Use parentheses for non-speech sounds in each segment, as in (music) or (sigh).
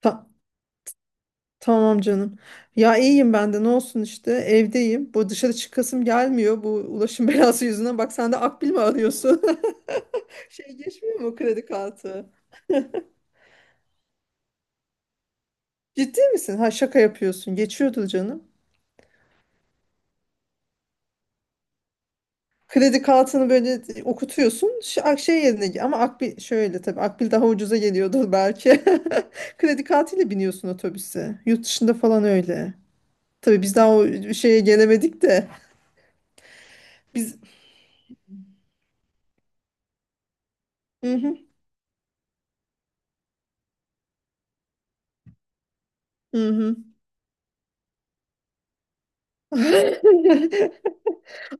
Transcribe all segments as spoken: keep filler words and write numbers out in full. Ta- tamam canım. Ya iyiyim ben de ne olsun işte evdeyim. Bu dışarı çıkasım gelmiyor bu ulaşım (laughs) belası yüzünden. Bak sen de Akbil mi arıyorsun? (laughs) Şey geçmiyor mu kredi kartı? Ciddi misin? Ha, şaka yapıyorsun. Geçiyordur canım. Kredi kartını böyle okutuyorsun. Şey, şey yerine ama Akbil şöyle, tabii Akbil daha ucuza geliyordur belki. (laughs) Kredi kartıyla biniyorsun otobüse. Yurt dışında falan öyle. Tabii biz daha o şeye gelemedik de biz. Hı hı. Hı hı. (laughs)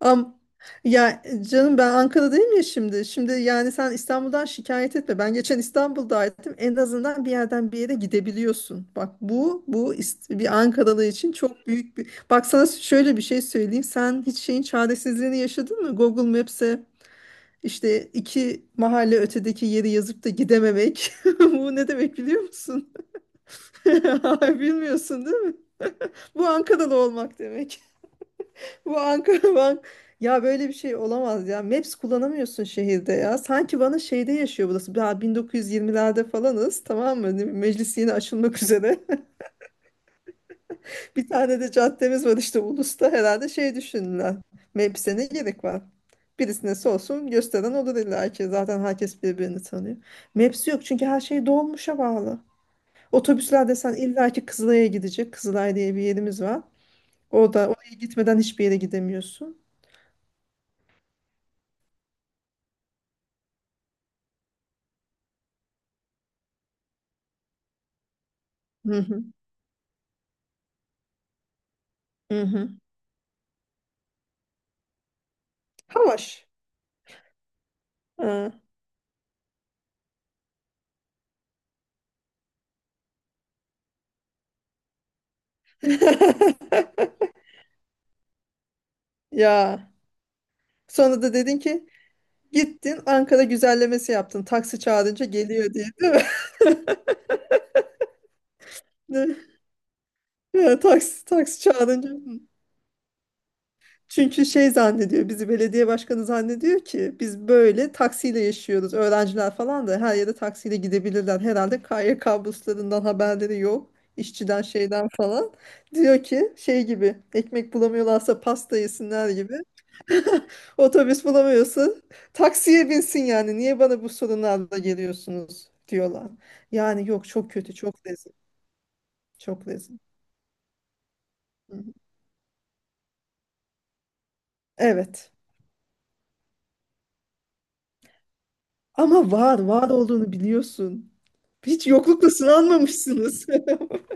Am ya canım ben Ankara'dayım ya şimdi. Şimdi yani sen İstanbul'dan şikayet etme. Ben geçen İstanbul'daydım. En azından bir yerden bir yere gidebiliyorsun. Bak bu bu ist- bir Ankaralı için çok büyük bir. Bak sana şöyle bir şey söyleyeyim. Sen hiç şeyin çaresizliğini yaşadın mı? Google Maps'e işte iki mahalle ötedeki yeri yazıp da gidememek. (laughs) Bu ne demek biliyor musun? (laughs) Bilmiyorsun değil mi? (laughs) Bu Ankaralı olmak demek. Bu Ankara (laughs) Van. Ya böyle bir şey olamaz ya. Maps kullanamıyorsun şehirde ya. Sanki bana şeyde yaşıyor burası. Daha bin dokuz yüz yirmilerde falanız tamam mı? Ne- Meclis yeni açılmak üzere. (laughs) Bir tane de caddemiz var işte Ulus'ta, herhalde şey düşündüler. Maps'e ne gerek var? Birisine olsun gösteren olur illa ki. Zaten herkes birbirini tanıyor. Maps yok çünkü her şey dolmuşa bağlı. Otobüsler desen illa ki Kızılay'a gidecek. Kızılay diye bir yerimiz var. Orada, oraya gitmeden hiçbir yere gidemiyorsun. Hı hı. Hı hı. Ha, var. Ha. (laughs) Ya. Sonra da dedin ki gittin Ankara güzellemesi yaptın. Taksi çağırınca geliyor diye, değil mi? (laughs) Ne? Ya, taksi, taksi çağırınca. Çünkü şey zannediyor, bizi belediye başkanı zannediyor ki biz böyle taksiyle yaşıyoruz. Öğrenciler falan da her yere taksiyle gidebilirler. Herhalde K Y K burslarından haberleri yok. İşçiden şeyden falan. Diyor ki şey gibi, ekmek bulamıyorlarsa pasta yesinler gibi. (laughs) Otobüs bulamıyorsun. Taksiye binsin yani. Niye bana bu sorunlarla geliyorsunuz diyorlar. Yani yok, çok kötü, çok rezil. Çok rezil. Hı hı. Evet. Ama var, var olduğunu biliyorsun. Hiç yoklukla sınanmamışsınız. (laughs)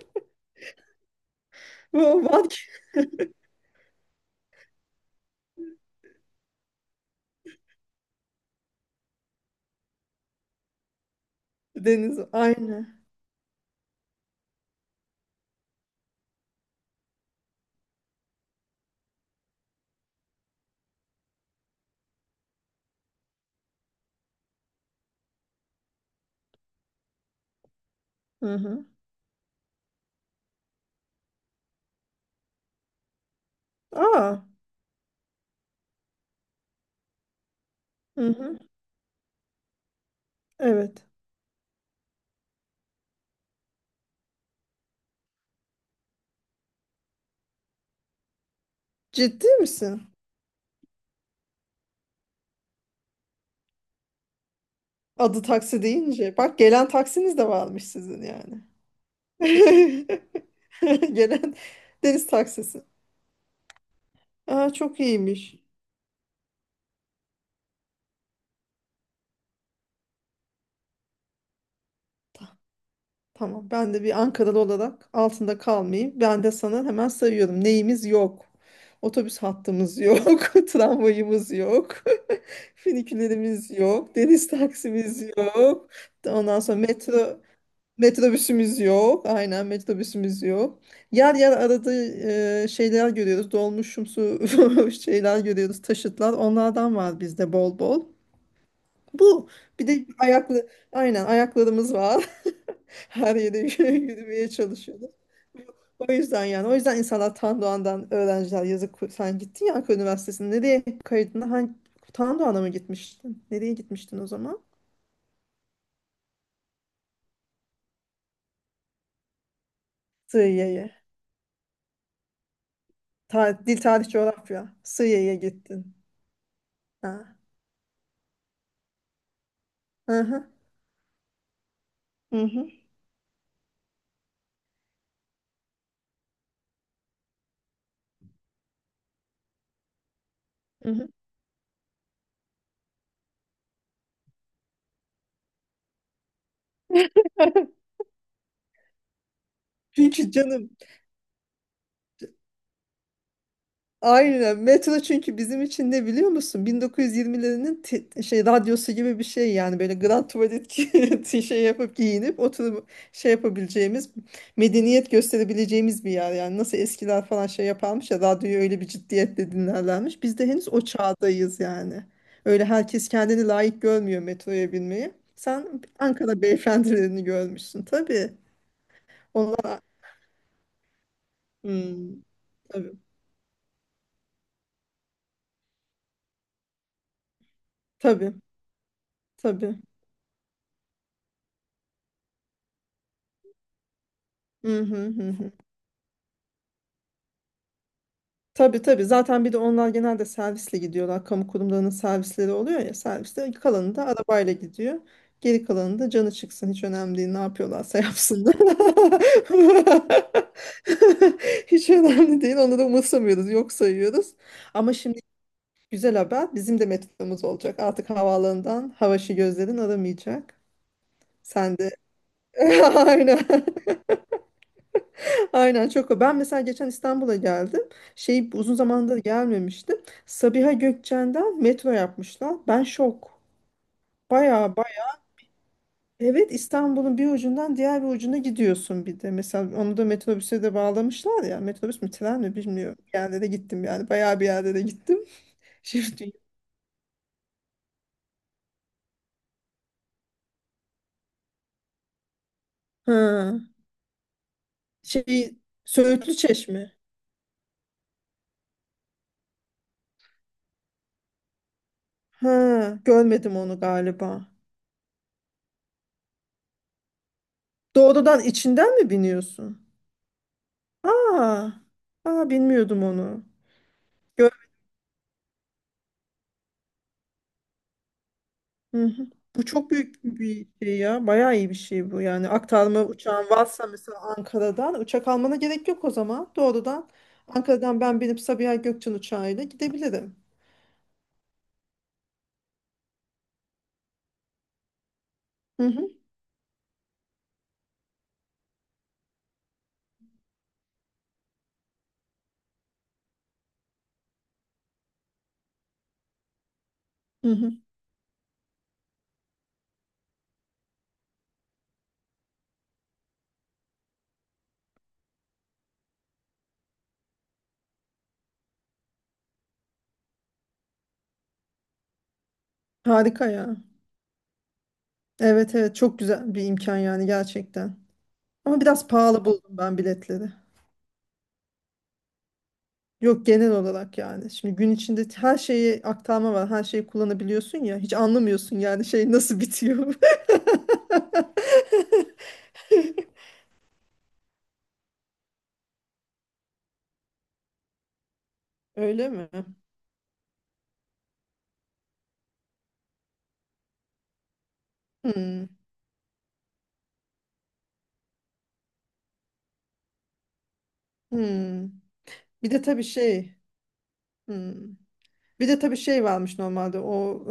Bu var ki deniz aynı. Hı hı. Aa. Hı hı. Evet. Ciddi misin? Adı taksi deyince. Bak gelen taksiniz de varmış sizin yani. (laughs) Gelen deniz taksisi. Aa, çok iyiymiş. Tamam, ben de bir Ankaralı olarak altında kalmayayım. Ben de sana hemen sayıyorum. Neyimiz yok? Otobüs hattımız yok. (laughs) Tramvayımız yok. (laughs) Finikülerimiz yok. Deniz taksimiz yok. Ondan sonra metro metrobüsümüz yok. Aynen, metrobüsümüz yok. Yer yer arada e, şeyler görüyoruz. Dolmuşumsu (laughs) şeyler görüyoruz. Taşıtlar. Onlardan var bizde bol bol. Bu. Bir de ayaklı, aynen ayaklarımız var. Her yere (laughs) yürümeye çalışıyorlar. O yüzden, yani o yüzden insanlar Tan Doğan'dan, öğrenciler yazık. Sen gittin ya Ankara Üniversitesi'ne, nereye kaydına hangi Tan Doğan'a mı gitmiştin? Nereye gitmiştin o zaman? Sığıye'ye. Ta- dil tarih coğrafya. Sığıye'ye gittin. Ha. Hı hı. Hı hı. Hı hı. (laughs) Çünkü canım aynen. Metro çünkü bizim için ne biliyor musun? bin dokuz yüz yirmilerin te- şey radyosu gibi bir şey yani, böyle grand tuvalet (laughs) gi- şey yapıp giyinip oturup şey yapabileceğimiz, medeniyet gösterebileceğimiz bir yer. Yani nasıl eskiler falan şey yaparmış ya, radyoyu öyle bir ciddiyetle dinlerlermiş. Biz de henüz o çağdayız yani. Öyle herkes kendini layık görmüyor metroya binmeyi. Sen Ankara beyefendilerini görmüşsün tabii. Onlar, hmm, tabii, tabii, tabii. Hı hı hı. Tabii, tabii. Zaten bir de onlar genelde servisle gidiyorlar. Kamu kurumlarının servisleri oluyor ya. Servisler, kalanı da arabayla gidiyor. Geri kalanı da canı çıksın. Hiç önemli değil. Ne yapıyorlarsa yapsınlar. (laughs) Hiç önemli değil. Onu da umursamıyoruz. Yok sayıyoruz. Ama şimdi güzel haber. Bizim de metromuz olacak. Artık havaalanından havaşı gözlerin aramayacak. Sen de. (laughs) Aynen. Aynen çok o. Ben mesela geçen İstanbul'a geldim. Şey, uzun zamandır gelmemiştim. Sabiha Gökçen'den metro yapmışlar. Ben şok. Baya baya. Evet, İstanbul'un bir ucundan diğer bir ucuna gidiyorsun bir de. Mesela onu da metrobüse de bağlamışlar ya. Metrobüs mü tren mi bilmiyorum. Bir yerde de gittim yani. Baya bir yerde de gittim. (laughs) Şimdi ha. Şey Söğütlü Çeşme. Ha, görmedim onu galiba. Doğrudan içinden mi biniyorsun? Aa, aa bilmiyordum onu. Hı hı. Bu çok büyük bir şey ya. Bayağı iyi bir şey bu. Yani aktarma uçağın varsa mesela Ankara'dan uçak almana gerek yok o zaman. Doğrudan Ankara'dan ben binip Sabiha Gökçen uçağıyla gidebilirim. Hı hı. Hı hı. Harika ya. Evet evet, çok güzel bir imkan yani gerçekten. Ama biraz pahalı buldum ben biletleri. Yok, genel olarak yani. Şimdi gün içinde her şeyi aktarma var. Her şeyi kullanabiliyorsun ya. Hiç anlamıyorsun yani şey nasıl bitiyor. (laughs) Öyle mi? Hmm, hmm. Bir de tabii şey, hmm. Bir de tabii şey varmış normalde o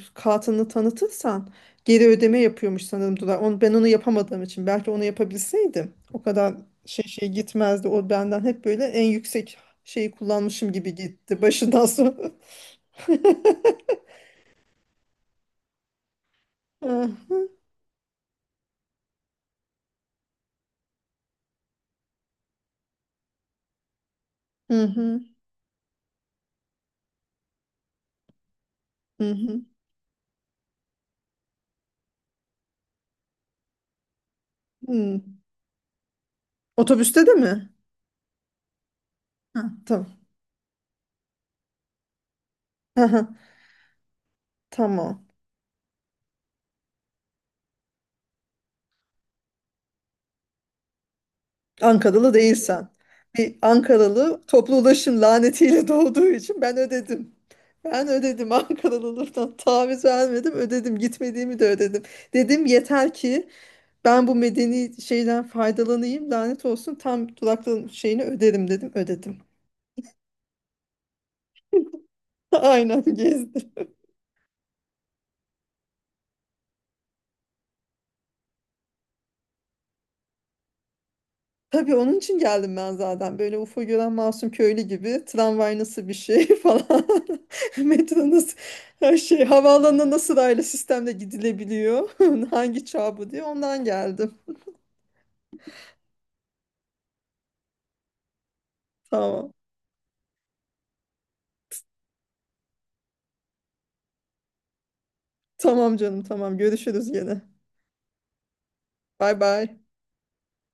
e, kartını tanıtırsan geri ödeme yapıyormuş sanırım Dular. Onu, ben onu yapamadığım için, belki onu yapabilseydim o kadar şey şey gitmezdi. O benden hep böyle en yüksek şeyi kullanmışım gibi gitti başından sonra. (laughs) Hı hı, hı hı. Hı. Hmm. Otobüste de mi? Ha, tamam. Aha, tamam. Ankaralı değilsen. Bir Ankaralı toplu ulaşım lanetiyle (laughs) doğduğu için ben ödedim. Ben ödedim. (laughs) Ankaralılıktan taviz vermedim, ödedim, gitmediğimi de ödedim. Dedim yeter ki ben bu medeni şeyden faydalanayım, lanet olsun tam duraklığın şeyini öderim dedim, ödedim. (laughs) Aynen gezdim. Tabii onun için geldim ben zaten. Böyle U F O gören masum köylü gibi, tramvay nasıl bir şey (laughs) falan. (laughs) Metro nasıl, her şey. Havaalanına nasıl raylı sistemle gidilebiliyor. (laughs) Hangi çağ bu diye ondan geldim. Tamam. Tamam canım, tamam. Görüşürüz gene. Bay bay.